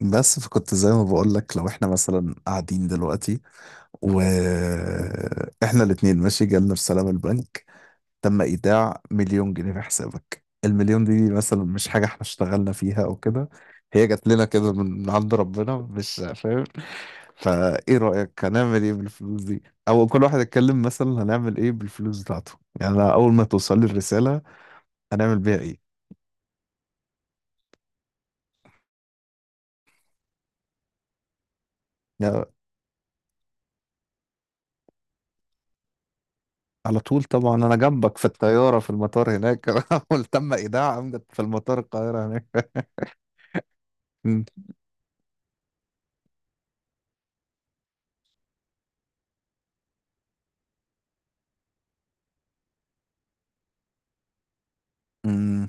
بس فكنت زي ما بقول لك، لو احنا مثلا قاعدين دلوقتي واحنا الاتنين ماشي، جالنا رسالة من البنك: تم ايداع مليون جنيه في حسابك. المليون دي مثلا مش حاجة احنا اشتغلنا فيها او كده، هي جات لنا كده من عند ربنا، مش فاهم. فايه رأيك، هنعمل ايه بالفلوس دي؟ او كل واحد يتكلم مثلا هنعمل ايه بالفلوس بتاعته. يعني أنا اول ما توصل لي الرسالة هنعمل بيها ايه؟ يعني على طول طبعا انا جنبك في الطياره في المطار هناك. تم ايداع عمدة في المطار القاهره هناك. أمم، أمم،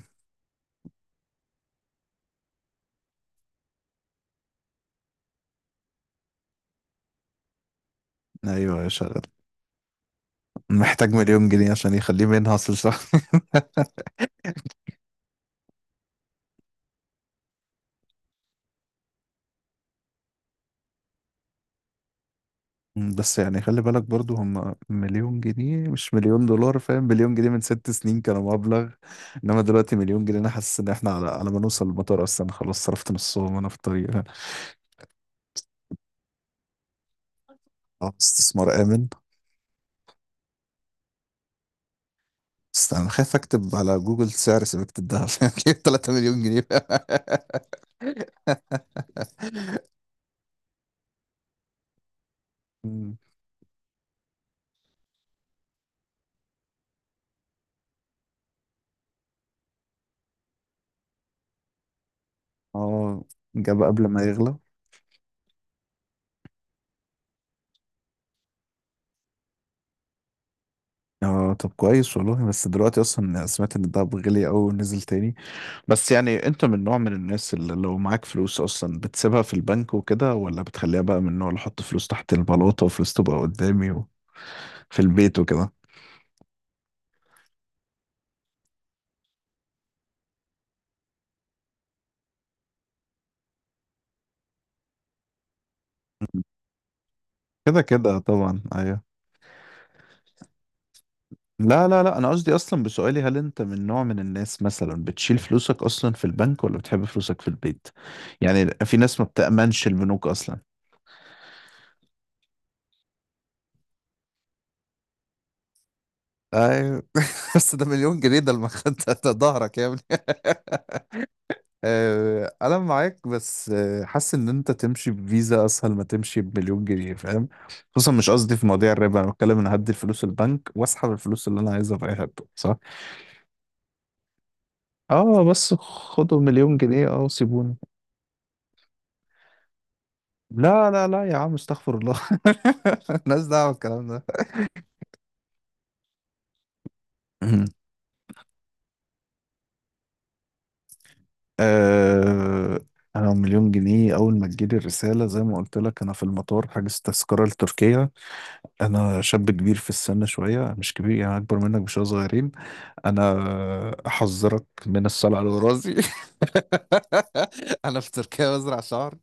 ايوه، يا شغل محتاج مليون جنيه عشان يخليه منحصر، صح. بس يعني خلي بالك برضو، هم مليون جنيه مش مليون دولار، فاهم؟ مليون جنيه من 6 سنين كانوا مبلغ، انما دلوقتي مليون جنيه انا حاسس ان احنا على ما نوصل المطار اصلا خلاص صرفت نصهم وانا في الطريق. اه، استثمار امن. بس انا خايف اكتب على جوجل سعر سبيكة الذهب، 3 مليون جنيه. اه، جاب قبل ما يغلى. اه طب كويس والله، بس دلوقتي اصلا سمعت ان الدهب غلي قوي ونزل تاني. بس يعني انت من نوع من الناس اللي لو معاك فلوس اصلا بتسيبها في البنك وكده، ولا بتخليها بقى من النوع اللي احط فلوس تحت البلاطة وفلوس تبقى قدامي وفي البيت وكده؟ كده كده طبعا، ايوه. لا لا لا، انا قصدي اصلا بسؤالي هل انت من نوع من الناس مثلا بتشيل فلوسك اصلا في البنك ولا بتحب فلوسك في البيت؟ يعني في ناس ما بتأمنش البنوك اصلا. ايوه، بس ده مليون جنيه، ده المخدة، ده ظهرك يا ابني. انا معاك، بس حاسس ان انت تمشي بفيزا اسهل ما تمشي بمليون جنيه، فاهم؟ خصوصا مش قصدي في مواضيع الربا، انا بتكلم ان هدي الفلوس البنك واسحب الفلوس اللي انا عايزها في اي حته، صح. اه بس خدوا مليون جنيه اه وسيبوني. لا لا لا يا عم، استغفر الله. الناس دعوه بالكلام ده. آه، انا مليون جنيه اول ما تجيلي الرساله زي ما قلت لك انا في المطار حاجز تذكره لتركيا. انا شاب كبير في السن شويه، مش كبير يعني، اكبر منك بشويه صغيرين. انا احذرك من الصلع على راسي. انا في تركيا بزرع شعر.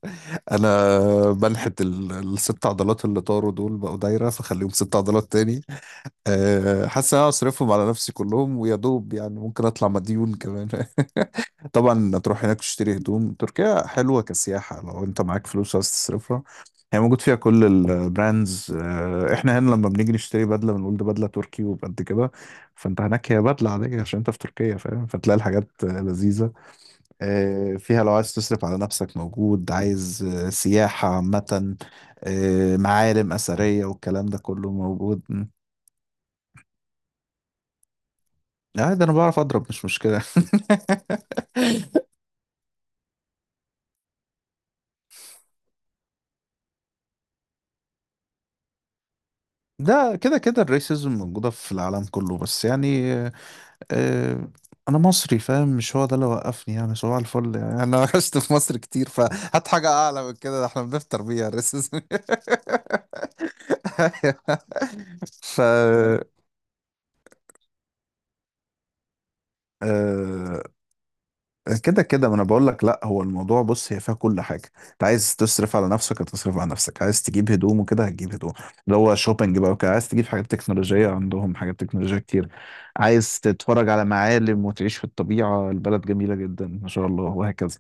انا بنحت الست عضلات اللي طاروا دول بقوا دايره، فخليهم ست عضلات تاني. حاسس ان انا اصرفهم على نفسي كلهم ويا دوب، يعني ممكن اطلع مديون كمان. طبعا تروح هناك تشتري هدوم، تركيا حلوة كسياحة لو انت معاك فلوس عايز تصرفها. هي موجود فيها كل البراندز، احنا هنا لما بنيجي نشتري بدلة بنقول ده بدلة تركي وبقد كده. فانت هناك هي بدلة عادية عشان انت في تركيا، فاهم؟ فتلاقي الحاجات لذيذة. فيها لو عايز تصرف على نفسك موجود، عايز سياحة عامة، معالم أثرية والكلام ده كله موجود. ده انا بعرف اضرب، مش مشكلة. ده كده كده الريسيزم موجودة في العالم كله، بس يعني آه، انا مصري، فاهم؟ مش هو ده اللي وقفني يعني، صباح الفل يعني، انا عشت في مصر كتير، فهات حاجه اعلى من كده، ده احنا بنفطر بيها الريسس. ف آه، كده كده، ما انا بقول لك، لا هو الموضوع بص، هي فيها كل حاجه. انت عايز تصرف على نفسك هتصرف على نفسك، عايز تجيب هدوم وكده هتجيب هدوم، اللي هو شوبينج بقى وكده. عايز تجيب حاجات تكنولوجيه عندهم حاجات تكنولوجيه كتير، عايز تتفرج على معالم وتعيش في الطبيعه البلد جميله جدا ما شاء الله، وهكذا.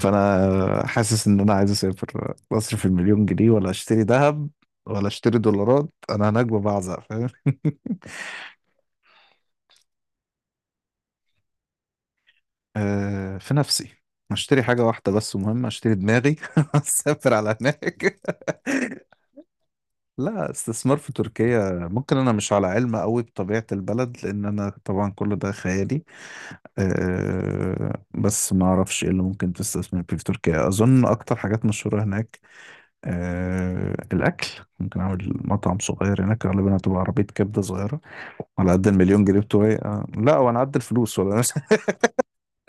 فانا حاسس ان انا عايز اسافر اصرف المليون جنيه، ولا اشتري ذهب، ولا اشتري دولارات. انا هناك ببعزق، فاهم؟ في نفسي اشتري حاجة واحدة بس مهمة، اشتري دماغي. اسافر على هناك. لا، استثمار في تركيا ممكن، انا مش على علم قوي بطبيعة البلد لان انا طبعا كل ده خيالي. بس ما اعرفش ايه اللي ممكن تستثمر فيه في تركيا. اظن اكتر حاجات مشهورة هناك الأكل. ممكن أعمل مطعم صغير هناك، غالبا هتبقى عربية كبدة صغيرة على قد المليون جنيه بتوعي. لا، وأنا قد الفلوس ولا؟ أنا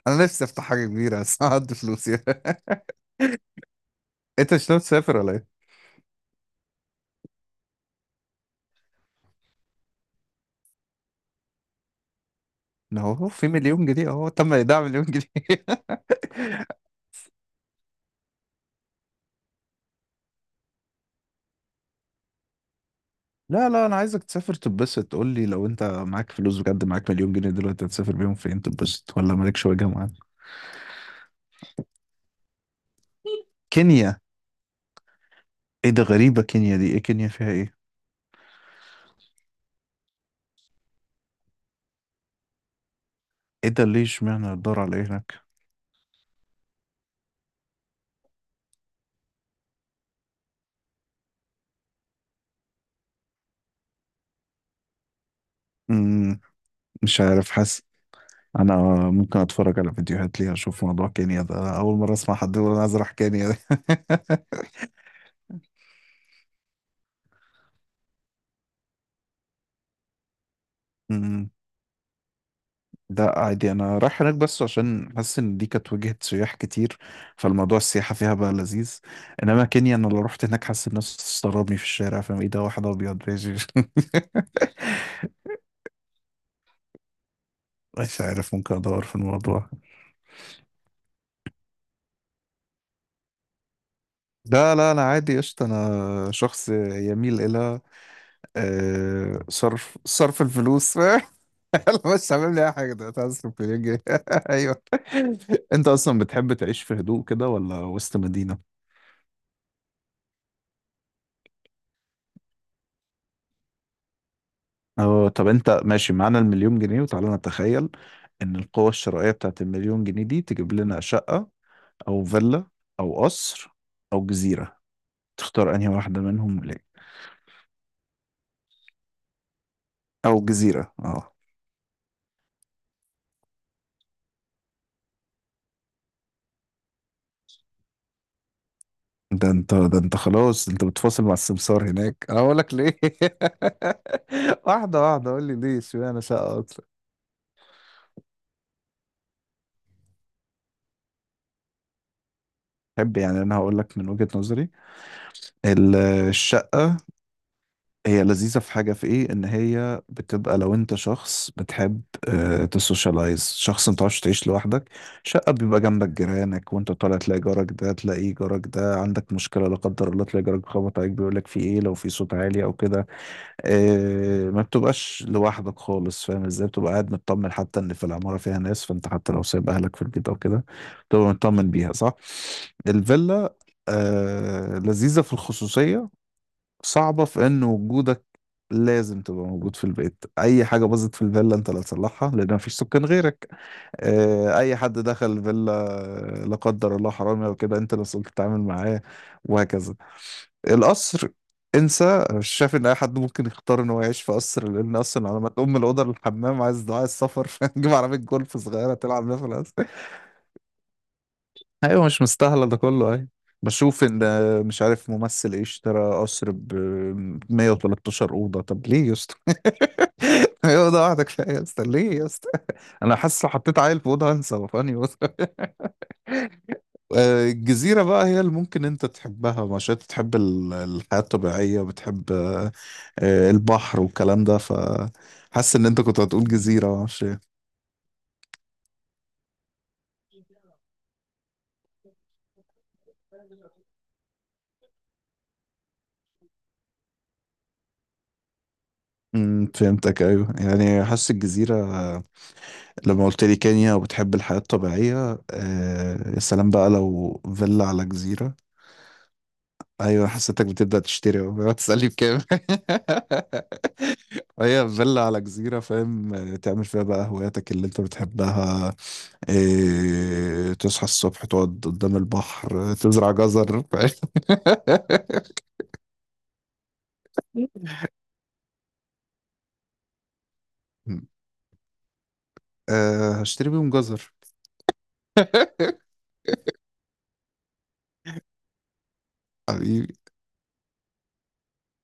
أنا نفسي أفتح حاجة كبيرة بس أنا قد فلوس يعني. أنت مش ناوي تسافر ولا إيه؟ إن هو في مليون جنيه أهو، تم إيداع مليون جنيه. لا لا، أنا عايزك تسافر تتبسط، قول لي لو أنت معاك فلوس بجد، معاك مليون جنيه دلوقتي هتسافر بيهم فين تتبسط، ولا مالكش وجهة معاك؟ كينيا؟ إيه ده، غريبة، كينيا دي إيه، كينيا فيها إيه؟ إيه ده، ليه، اشمعنى الدار على إيه هناك؟ مم، مش عارف، حاسس انا ممكن اتفرج على فيديوهات ليها اشوف موضوع كينيا ده، اول مره اسمع حد يقول انا عايز اروح كينيا ده. أمم. لا عادي، انا رايح هناك بس عشان حاسس ان دي كانت وجهة سياح كتير، فالموضوع السياحة فيها بقى لذيذ. انما كينيا انا لو رحت هناك حاسس الناس تستغربني في الشارع، فاهم، ايه ده واحد ابيض بيجي. مش عارف، ممكن ادور في الموضوع. لا لا، انا عادي قشطة، انا شخص يميل الى صرف صرف الفلوس. يلا بس عامل لي اي حاجه ده، هتصرف مليون جنيه. ايوه. انت اصلا بتحب تعيش في هدوء كده ولا وسط مدينه؟ اه طب، انت ماشي معانا المليون جنيه وتعالى نتخيل ان القوة الشرائية بتاعت المليون جنيه دي تجيب لنا شقة، او فيلا، او قصر، او جزيرة، تختار انهي واحدة منهم ليه؟ او جزيرة، اه. ده انت، ده انت خلاص انت بتفاصل مع السمسار هناك، انا بقول لك ليه. واحده واحده، قول لي ليه، اشمعنى شقه اكتر تحب؟ يعني انا هقول لك من وجهة نظري، ال- الشقة هي لذيذة في حاجة، في ايه؟ ان هي بتبقى لو انت شخص بتحب تسوشيالايز، شخص ما بتعرفش تعيش لوحدك. شقة بيبقى جنبك جيرانك، وانت طالع تلاقي جارك ده، تلاقي جارك ده عندك مشكلة لا قدر الله تلاقي جارك بيخبط عليك بيقول لك في ايه لو في صوت عالي او كده، ما بتبقاش لوحدك خالص، فاهم ازاي؟ بتبقى قاعد مطمن حتى ان في العمارة فيها ناس، فانت حتى لو سايب اهلك في البيت او كده بتبقى مطمن بيها، صح. الفيلا لذيذة في الخصوصية، صعبة في ان وجودك لازم تبقى موجود في البيت، اي حاجة باظت في الفيلا انت اللي هتصلحها لان مفيش سكان غيرك. اي حد دخل الفيلا لا قدر الله حرامي او كده انت اللي مسؤول تتعامل معاه، وهكذا. القصر، انسى، مش شايف ان اي حد ممكن يختار ان هو يعيش في قصر، لان اصلا على ما تقوم من الاوضه للحمام عايز دعاء السفر، تجيب عربيه جولف صغيره تلعب بيها في القصر. ايوه، مش مستاهله ده كله، ايوه. بشوف ان، مش عارف ممثل ايه اشترى قصر ب 113 اوضه، طب ليه يا اسطى؟ هي اوضه واحده كفايه يا اسطى، ليه يا اسطى؟ انا حاسس لو حطيت عيل في اوضه هنسى وفاني بس. الجزيره بقى هي اللي ممكن انت تحبها، مش انت تحب الحياه الطبيعيه وبتحب البحر والكلام ده، ف حاسس ان انت كنت هتقول جزيره معرفش ايه. فهمتك، ايوه يعني، حاسس الجزيره لما قلت لي كينيا وبتحب الحياة الطبيعية، يا سلام بقى لو فيلا على جزيرة. أيوة، حسيتك بتبدأ تشتري، بقى تسألني بكام. هي فيلا على جزيرة، فاهم، تعمل فيها بقى هواياتك اللي أنت بتحبها، تصحى الصبح تقعد قدام البحر، تزرع جزر، فاهم. هشتري بيهم جزر. حبيبي.